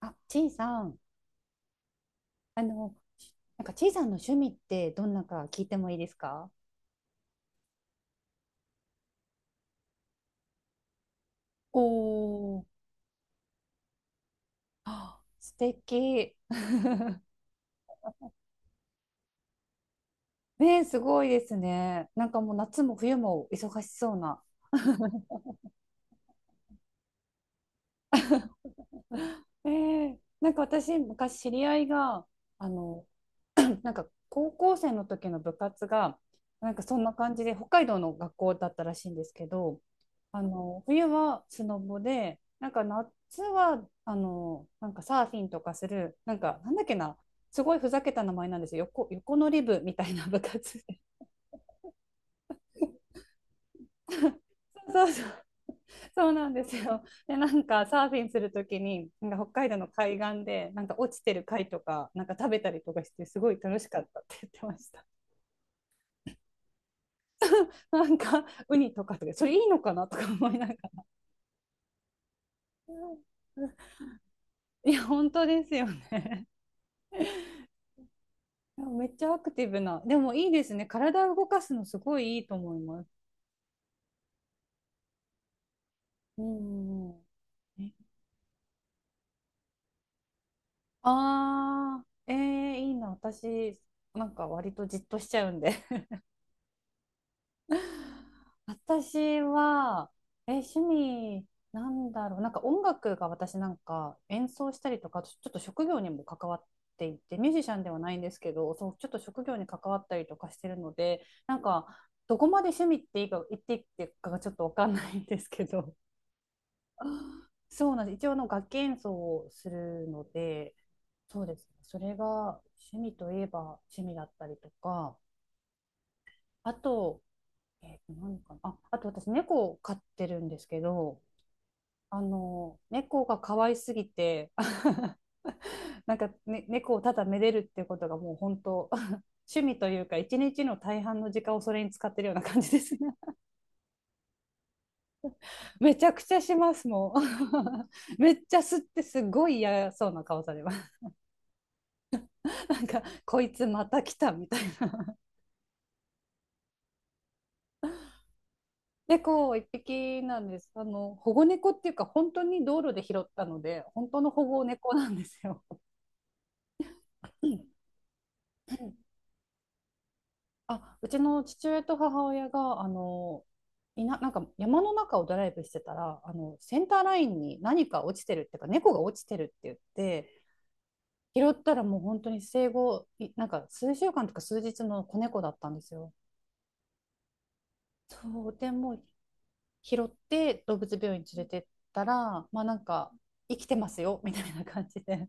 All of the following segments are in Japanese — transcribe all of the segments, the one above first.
あ、ちいさん、あの、なんかちいさんの趣味ってどんなか聞いてもいいですか？おお、あ素敵。ねえ、すごいですね。なんかもう夏も冬も忙しそうな。えなんか私、昔知り合いが、あの、なんか高校生の時の部活がなんかそんな感じで北海道の学校だったらしいんですけど、冬はスノボで、なんか夏はなんかサーフィンとかするなんかなんだっけな。すごいふざけた名前なんですよ。横乗り部みたいな部活で そうそうそう、そうなんですよ。でなんかサーフィンするときになんか北海道の海岸でなんか落ちてる貝とかなんか食べたりとかしてすごい楽しかったって言ってました。なんかウニとかそれいいのかなとか思いながら。いや本当ですよね。めっちゃアクティブな。でもいいですね。体を動かすのすごいいいと思います。うんうんうん。ああ、いいな。私、なんか割とじっとしちゃうんで。私は、趣味、なんだろう、なんか音楽が私なんか演奏したりとか、あとちょっと職業にも関わっていて、ミュージシャンではないんですけど、そう、ちょっと職業に関わったりとかしてるので、なんか、どこまで趣味っていいか、言っていいかがちょっとわかんないんですけど、そうなんです。一応楽器演奏をするので、そうですね。それが趣味といえば趣味だったりとか、あと、何かなあ、あと私、猫を飼ってるんですけど、猫が可愛すぎて、なんか、ね、猫をただめでるっていうことがもう本当、趣味というか、一日の大半の時間をそれに使ってるような感じですね。めちゃくちゃします、もう。めっちゃ吸ってすごい嫌そうな顔されます。なんか、こいつまた来たみたいな。猫一匹なんです。保護猫っていうか、本当に道路で拾ったので、本当の保護猫なんですよ。あ、うちの父親と母親が、なんか山の中をドライブしてたら、センターラインに何か落ちてるっていうか、猫が落ちてるって言って、拾ったらもう本当に生後、なんか数週間とか数日の子猫だったんですよ。そう、でもう拾って動物病院連れてったら、まあなんか、生きてますよ、みたいな感じで。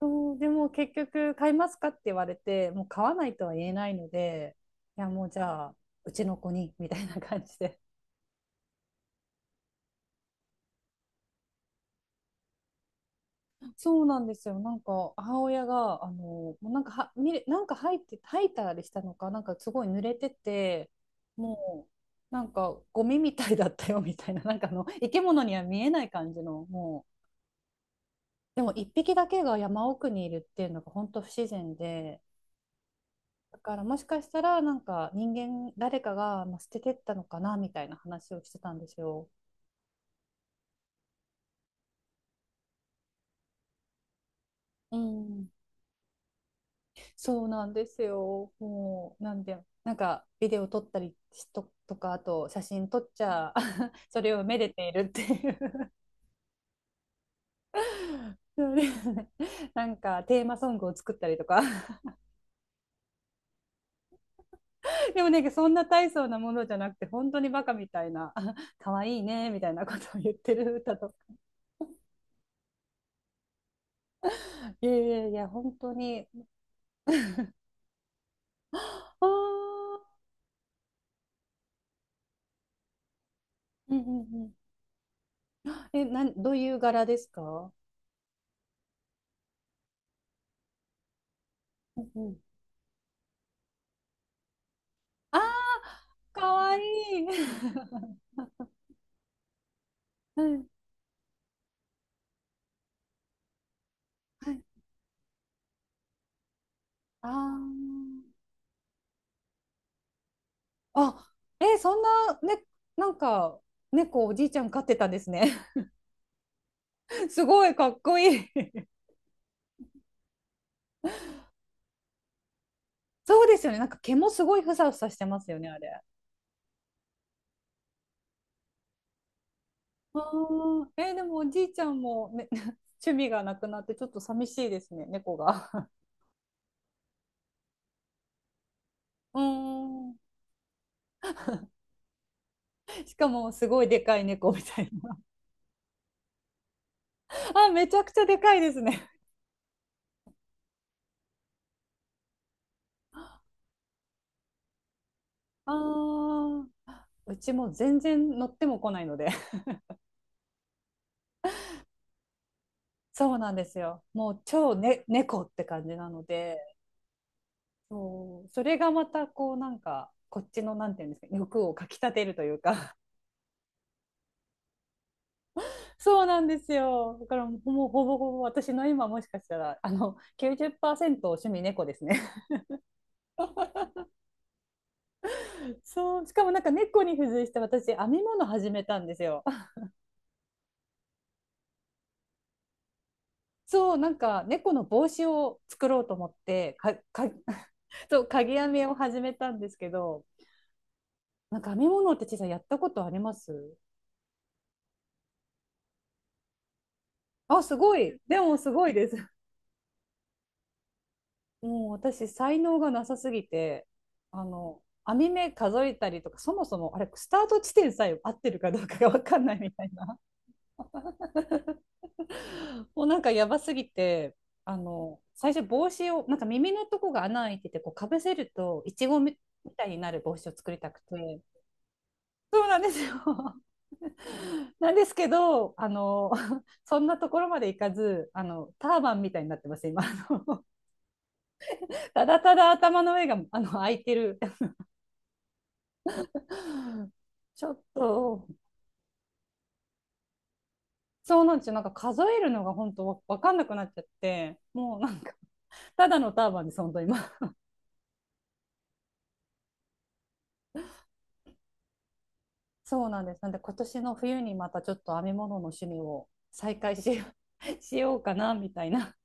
そう、でも結局、買いますかって言われて、もう買わないとは言えないので、いや、もうじゃあ、うちの子に、みたいな感じで。そうなんですよ。なんか母親がもうなんかは見れなんか入って吐いたりしたのかなんかすごい濡れてて、もうなんかゴミみたいだったよみたいな、なんか生き物には見えない感じの、もうでも一匹だけが山奥にいるっていうのが本当不自然で、だからもしかしたらなんか人間誰かがまあ捨ててったのかなみたいな話をしてたんですよ。うん、そうなんですよ。もう、なんで、なんか、ビデオ撮ったりとか、あと、写真撮っちゃ、それをめでているっていう、そうですね。 なんか、テーマソングを作ったりとか。でもなんか、そんな大層なものじゃなくて、本当にバカみたいな、可愛いね、みたいなことを言ってる歌とか。いやいやいや、本当に。あー、うんうんうん。え、どういう柄ですか？うんうん。ああ、かわいい。はいはい、ああ。あ、え、そんな、ね、なんか、猫おじいちゃん飼ってたんですね。すごいかっこいい そうですよね。なんか毛もすごいふさふさしてますよね、あれ。あー、でもおじいちゃんも、ね、趣味がなくなってちょっと寂しいですね、猫が。うーん。しかもすごいでかい猫みたいな。あ、めちゃくちゃでかいですね。あー、うちも全然乗っても来ないので。そうなんですよ。もう超ね、猫って感じなので。そう、それがまたこうなんかこっちのなんていうんですか、欲をかきたてるというか。 そうなんですよ。だからもうほぼほぼ私の今もしかしたら90%趣味猫ですね。 そう、しかもなんか猫に付随して私編み物始めたんですよ。 そうなんか猫の帽子を作ろうと思ってそう、鍵編みを始めたんですけど、なんか編み物ってちさい、やったことあります？あ、すごい。でもすごいです。もう私、才能がなさすぎて、網目数えたりとか、そもそもあれ、スタート地点さえ合ってるかどうかが分かんないみたいな。もうなんかやばすぎて、最初帽子を、なんか耳のとこが穴開いてて、こうかぶせると、いちごみたいになる帽子を作りたくて。そうなんですよ。なんですけど、そんなところまでいかず、ターバンみたいになってます、今。ただただ頭の上が開いてる。 ちょっと、そうなんですよ。なんか数えるのが本当わかんなくなっちゃって、もうなんか、ただのターバンです、本当今。そうなんです。なんで今年の冬にまたちょっと編み物の趣味を再開しよう、しようかな、みたいな。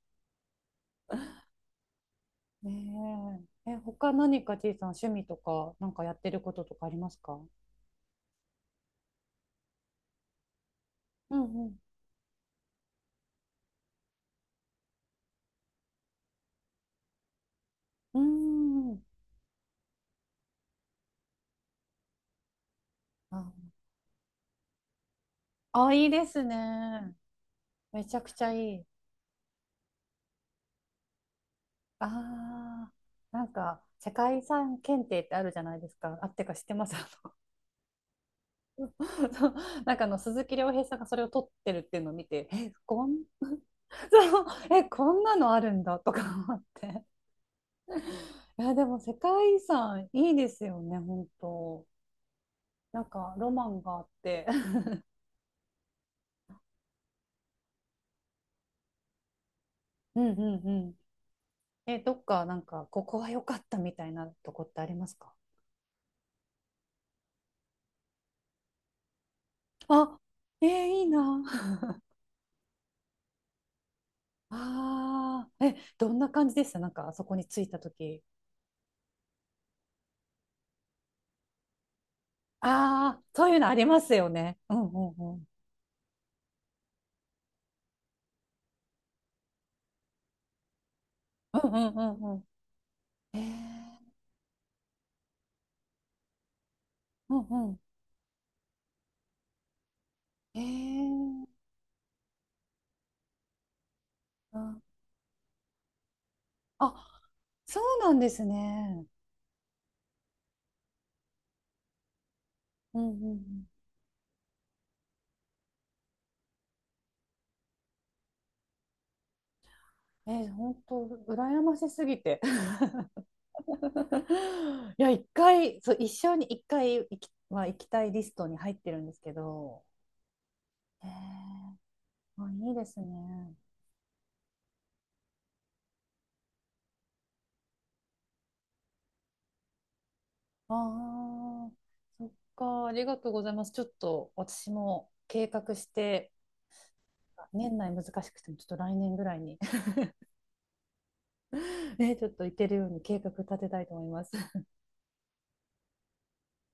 ねえ。え、他何か T さん趣味とか、なんかやってることとかありますか？うんうん。うーん。あ、あ、いいですね。めちゃくちゃいい。ああ、なんか世界遺産検定ってあるじゃないですか。あってか、知ってます？そうなんか鈴木亮平さんがそれを取ってるっていうのを見て、え、こん、そう、こんなのあるんだとか思って。いや、でも世界遺産いいですよね、本当。なんかロマンがあって。うんうんうん。え、どっかなんかここは良かったみたいなとこってありますか？あ、えーいいな。ああ、え、どんな感じでした、なんかあそこに着いた時？ああ、そういうのありますよね。うんうんうん。うんうんうんうん。へえ、うんうん。へえ、あ、あ、そうなんですね。うんうんうん。えー、本当、羨ましすぎて。いや、一回、そう、一生に一回は行きたいリストに入ってるんですけど。へえ、あ、いいですね。ああ、そっか、ありがとうございます。ちょっと私も計画して。年内難しくても、ちょっと来年ぐらいに ね、ちょっと行けるように計画立てたいと思います。